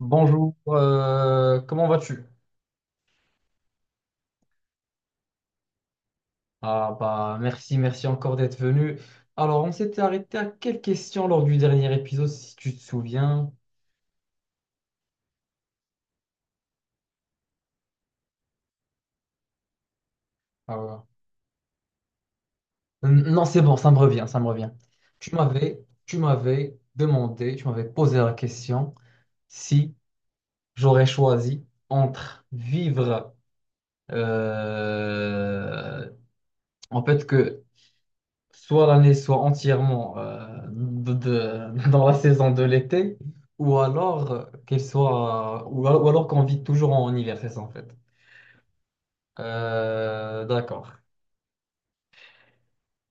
Bonjour, comment vas-tu? Ah bah merci, merci encore d'être venu. Alors on s'était arrêté à quelle question lors du dernier épisode, si tu te souviens? Ah, voilà. Non, c'est bon, ça me revient, ça me revient. Tu m'avais demandé, tu m'avais posé la question si j'aurais choisi entre vivre, euh, en fait que soit l'année soit entièrement, dans la saison de l'été, ou alors, qu'elle soit, ou alors qu'on vit toujours en hiver, c'est ça en fait. D'accord.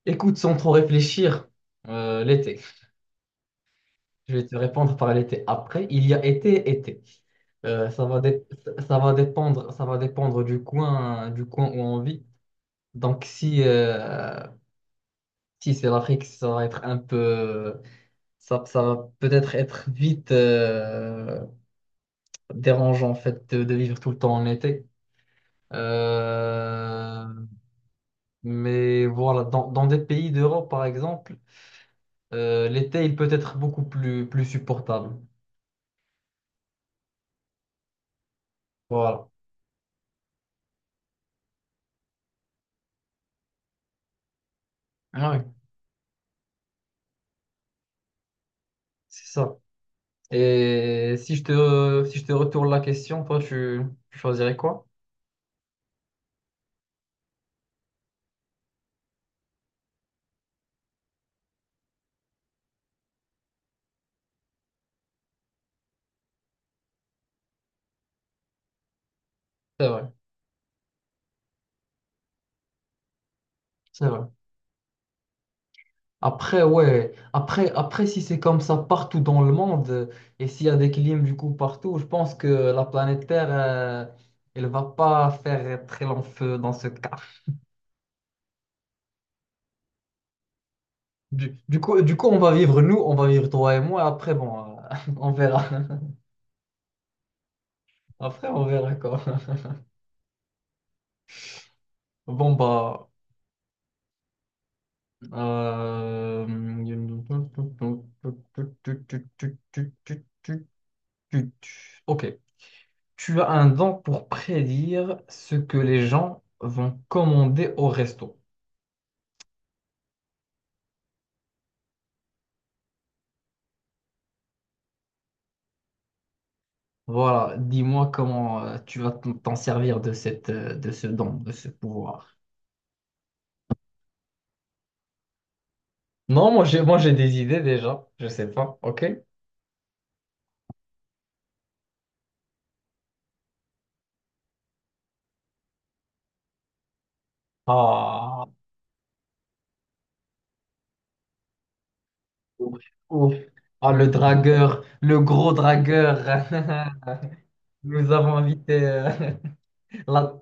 Écoute, sans trop réfléchir, l'été. Je vais te répondre par l'été. Après, il y a été, été. Euh, ça va dé- Ça va dépendre, ça va dépendre du coin où on vit. Donc si c'est l'Afrique, ça va être un peu, ça va peut-être être vite, dérangeant en fait de vivre tout le temps en été. Euh, mais voilà, dans des pays d'Europe par exemple, l'été il peut être beaucoup plus, plus supportable. Voilà, ouais, c'est ça. Et si je te retourne la question, toi tu choisirais quoi? C'est vrai, c'est vrai. Après, ouais, après si c'est comme ça partout dans le monde et s'il y a des clims du coup partout, je pense que la planète Terre, elle va pas faire très long feu dans ce cas. Du coup, on va vivre nous, on va vivre toi et moi. Après, bon, on verra. Après, on verra quoi. Bon, bah, euh, ok. Tu as un don pour prédire ce que les gens vont commander au resto. Voilà. Dis-moi comment, tu vas t'en servir de de ce don, de ce pouvoir. Non, moi j'ai des idées déjà. Je sais pas. Ok. Ah. Ouf, ouf. Ah, le dragueur, le gros dragueur. Nous avons invité, la-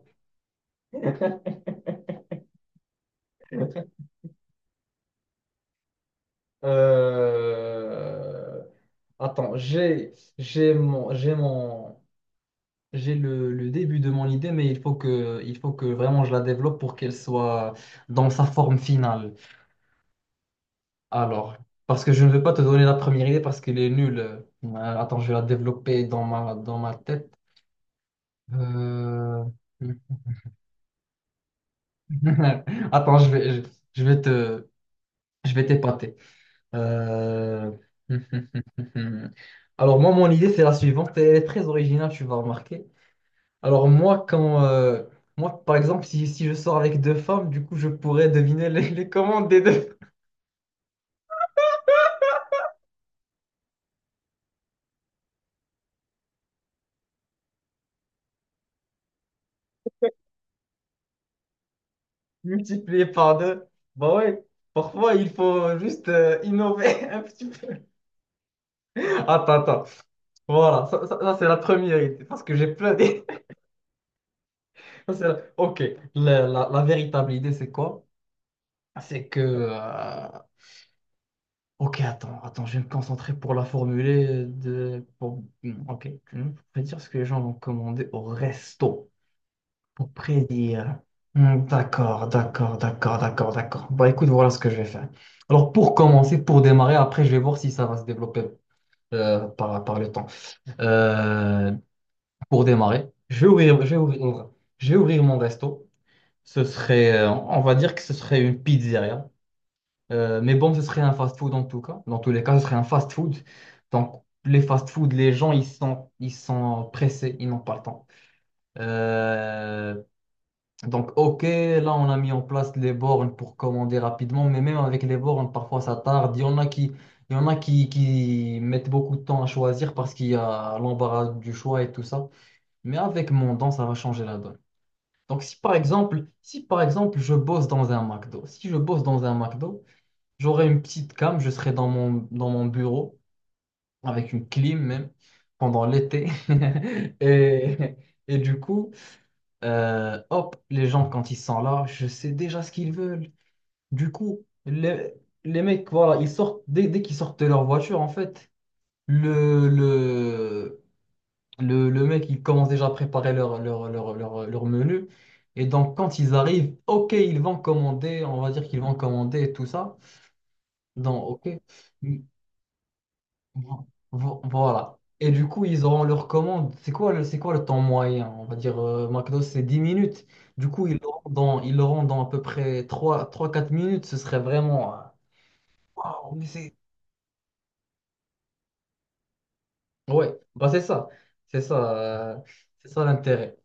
euh, attends, j'ai le début de mon idée, mais il faut que vraiment je la développe pour qu'elle soit dans sa forme finale. Alors, parce que je ne vais pas te donner la première idée parce qu'elle est nulle. Attends, je vais la développer dans ma tête. Euh, Attends, je vais te je vais t'épater. Euh, Alors moi, mon idée, c'est la suivante. Elle est très originale, tu vas remarquer. Alors moi, moi, par exemple, si je sors avec deux femmes, du coup, je pourrais deviner les commandes des deux, multipliées par deux. Bah ouais, parfois, il faut juste, innover un petit peu. Attends, attends. Voilà, ça, c'est la première idée. Parce que j'ai plein d'idées. Ok. La véritable idée, c'est quoi? C'est que... euh, Ok, attends, attends, je vais me concentrer pour la formuler ok, tu veux prédire ce que les gens vont commander au resto pour prédire. Hmm. D'accord, d'accord, d'accord, d'accord, d'accord. Bah, écoute, voilà ce que je vais faire. Alors pour commencer, pour démarrer, après je vais voir si ça va se développer, par le temps. Euh, pour démarrer, je vais ouvrir mon resto. Ce serait, on va dire que ce serait une pizzeria. Mais bon, ce serait un fast-food en tout cas. Dans tous les cas, ce serait un fast-food. Donc, les fast-food, les gens, ils sont pressés, ils n'ont pas le temps. Euh, donc, ok, là, on a mis en place les bornes pour commander rapidement, mais même avec les bornes, parfois ça tarde. Il y en a qui, il y en a qui mettent beaucoup de temps à choisir parce qu'il y a l'embarras du choix et tout ça. Mais avec mon don, ça va changer la donne. Donc, si par exemple, je bosse dans un McDo, si je bosse dans un McDo, j'aurais une petite cam, je serais dans dans mon bureau, avec une clim même, pendant l'été. Et, et du coup, hop, les gens, quand ils sont là, je sais déjà ce qu'ils veulent. Du coup, les mecs, voilà, ils sortent, dès qu'ils sortent de leur voiture, en fait, le, le, le mec, il commence déjà à préparer leur menu. Et donc, quand ils arrivent, ok, ils vont commander, on va dire qu'ils vont commander et tout ça. Donc, ok. Vo- Voilà. Et du coup, ils auront leur commande. C'est quoi le temps moyen? On va dire, McDo, c'est 10 minutes. Du coup, ils l'auront dans à peu près trois quatre minutes. Ce serait vraiment. Waouh, mais c'est. Ouais, bah, c'est ça. C'est ça, euh, c'est ça l'intérêt.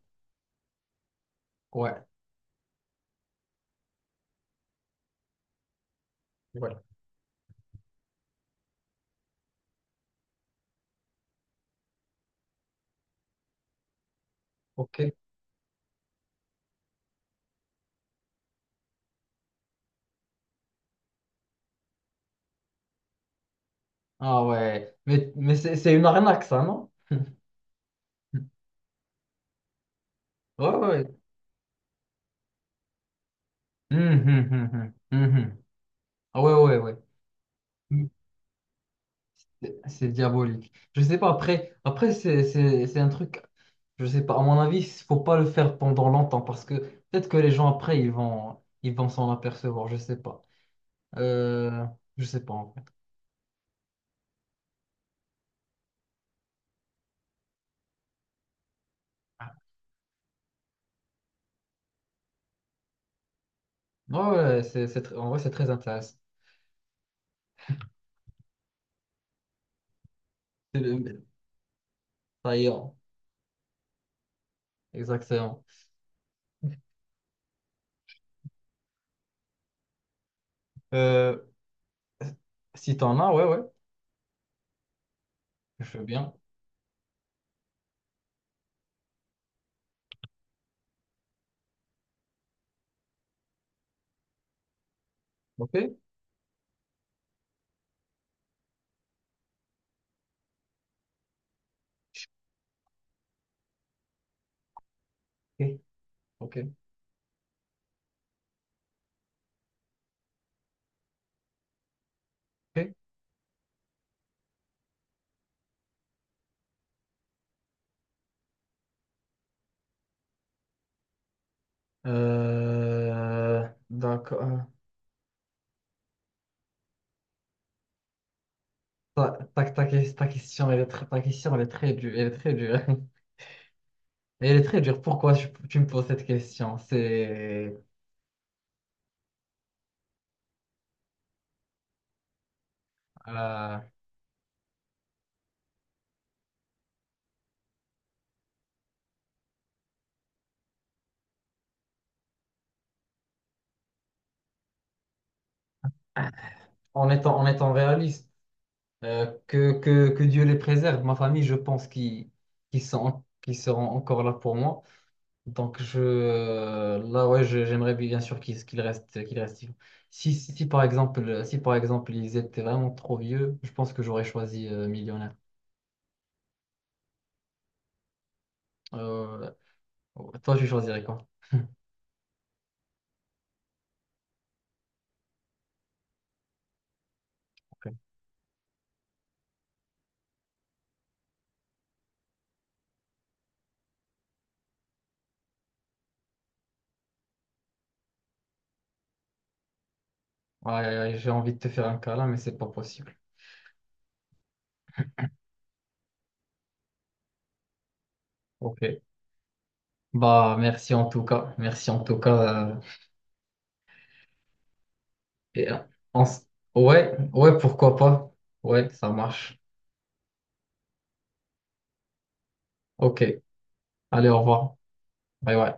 Ouais, ouais. Ok. Ah ouais. Mais c'est une arnaque, ça, non? Ouais, ouais. Hum, hum, hum, hum, hum, hum. Ah ouais, ouais, ouais. C'est diabolique. Je sais pas, après c'est un truc, je sais pas, à mon avis, il faut pas le faire pendant longtemps parce que peut-être que les gens après, ils vont s'en apercevoir, je sais pas. Euh, je sais pas en vrai. Ouais, ouais, c'est en vrai, c'est très intéressant. C'est le- Ça y est, hein. Exactement. Euh, si t'en as, ouais, ouais, je veux bien. Ok, ok, ok. Ok. D'accord. Ta question, ta question, elle est très dure, elle est très dure. Mais elle est très dure. Pourquoi tu me poses cette question? C'est, euh, en étant réaliste, que Dieu les préserve. Ma famille, je pense qu'ils seront encore là pour moi. Donc là, ouais, j'aimerais bien sûr qu'ils restent vivants. Si par exemple ils étaient vraiment trop vieux, je pense que j'aurais choisi, millionnaire. Euh, ouais. Toi, tu choisirais quoi? Ok. Ouais, ouais, ouais, j'ai envie de te faire un câlin, mais c'est pas possible. Ok. Bah, merci en tout cas. Merci en tout cas. Et, euh, on s- ouais, ouais, pourquoi pas. Ouais, ça marche. Ok. Allez, au revoir. Bye bye.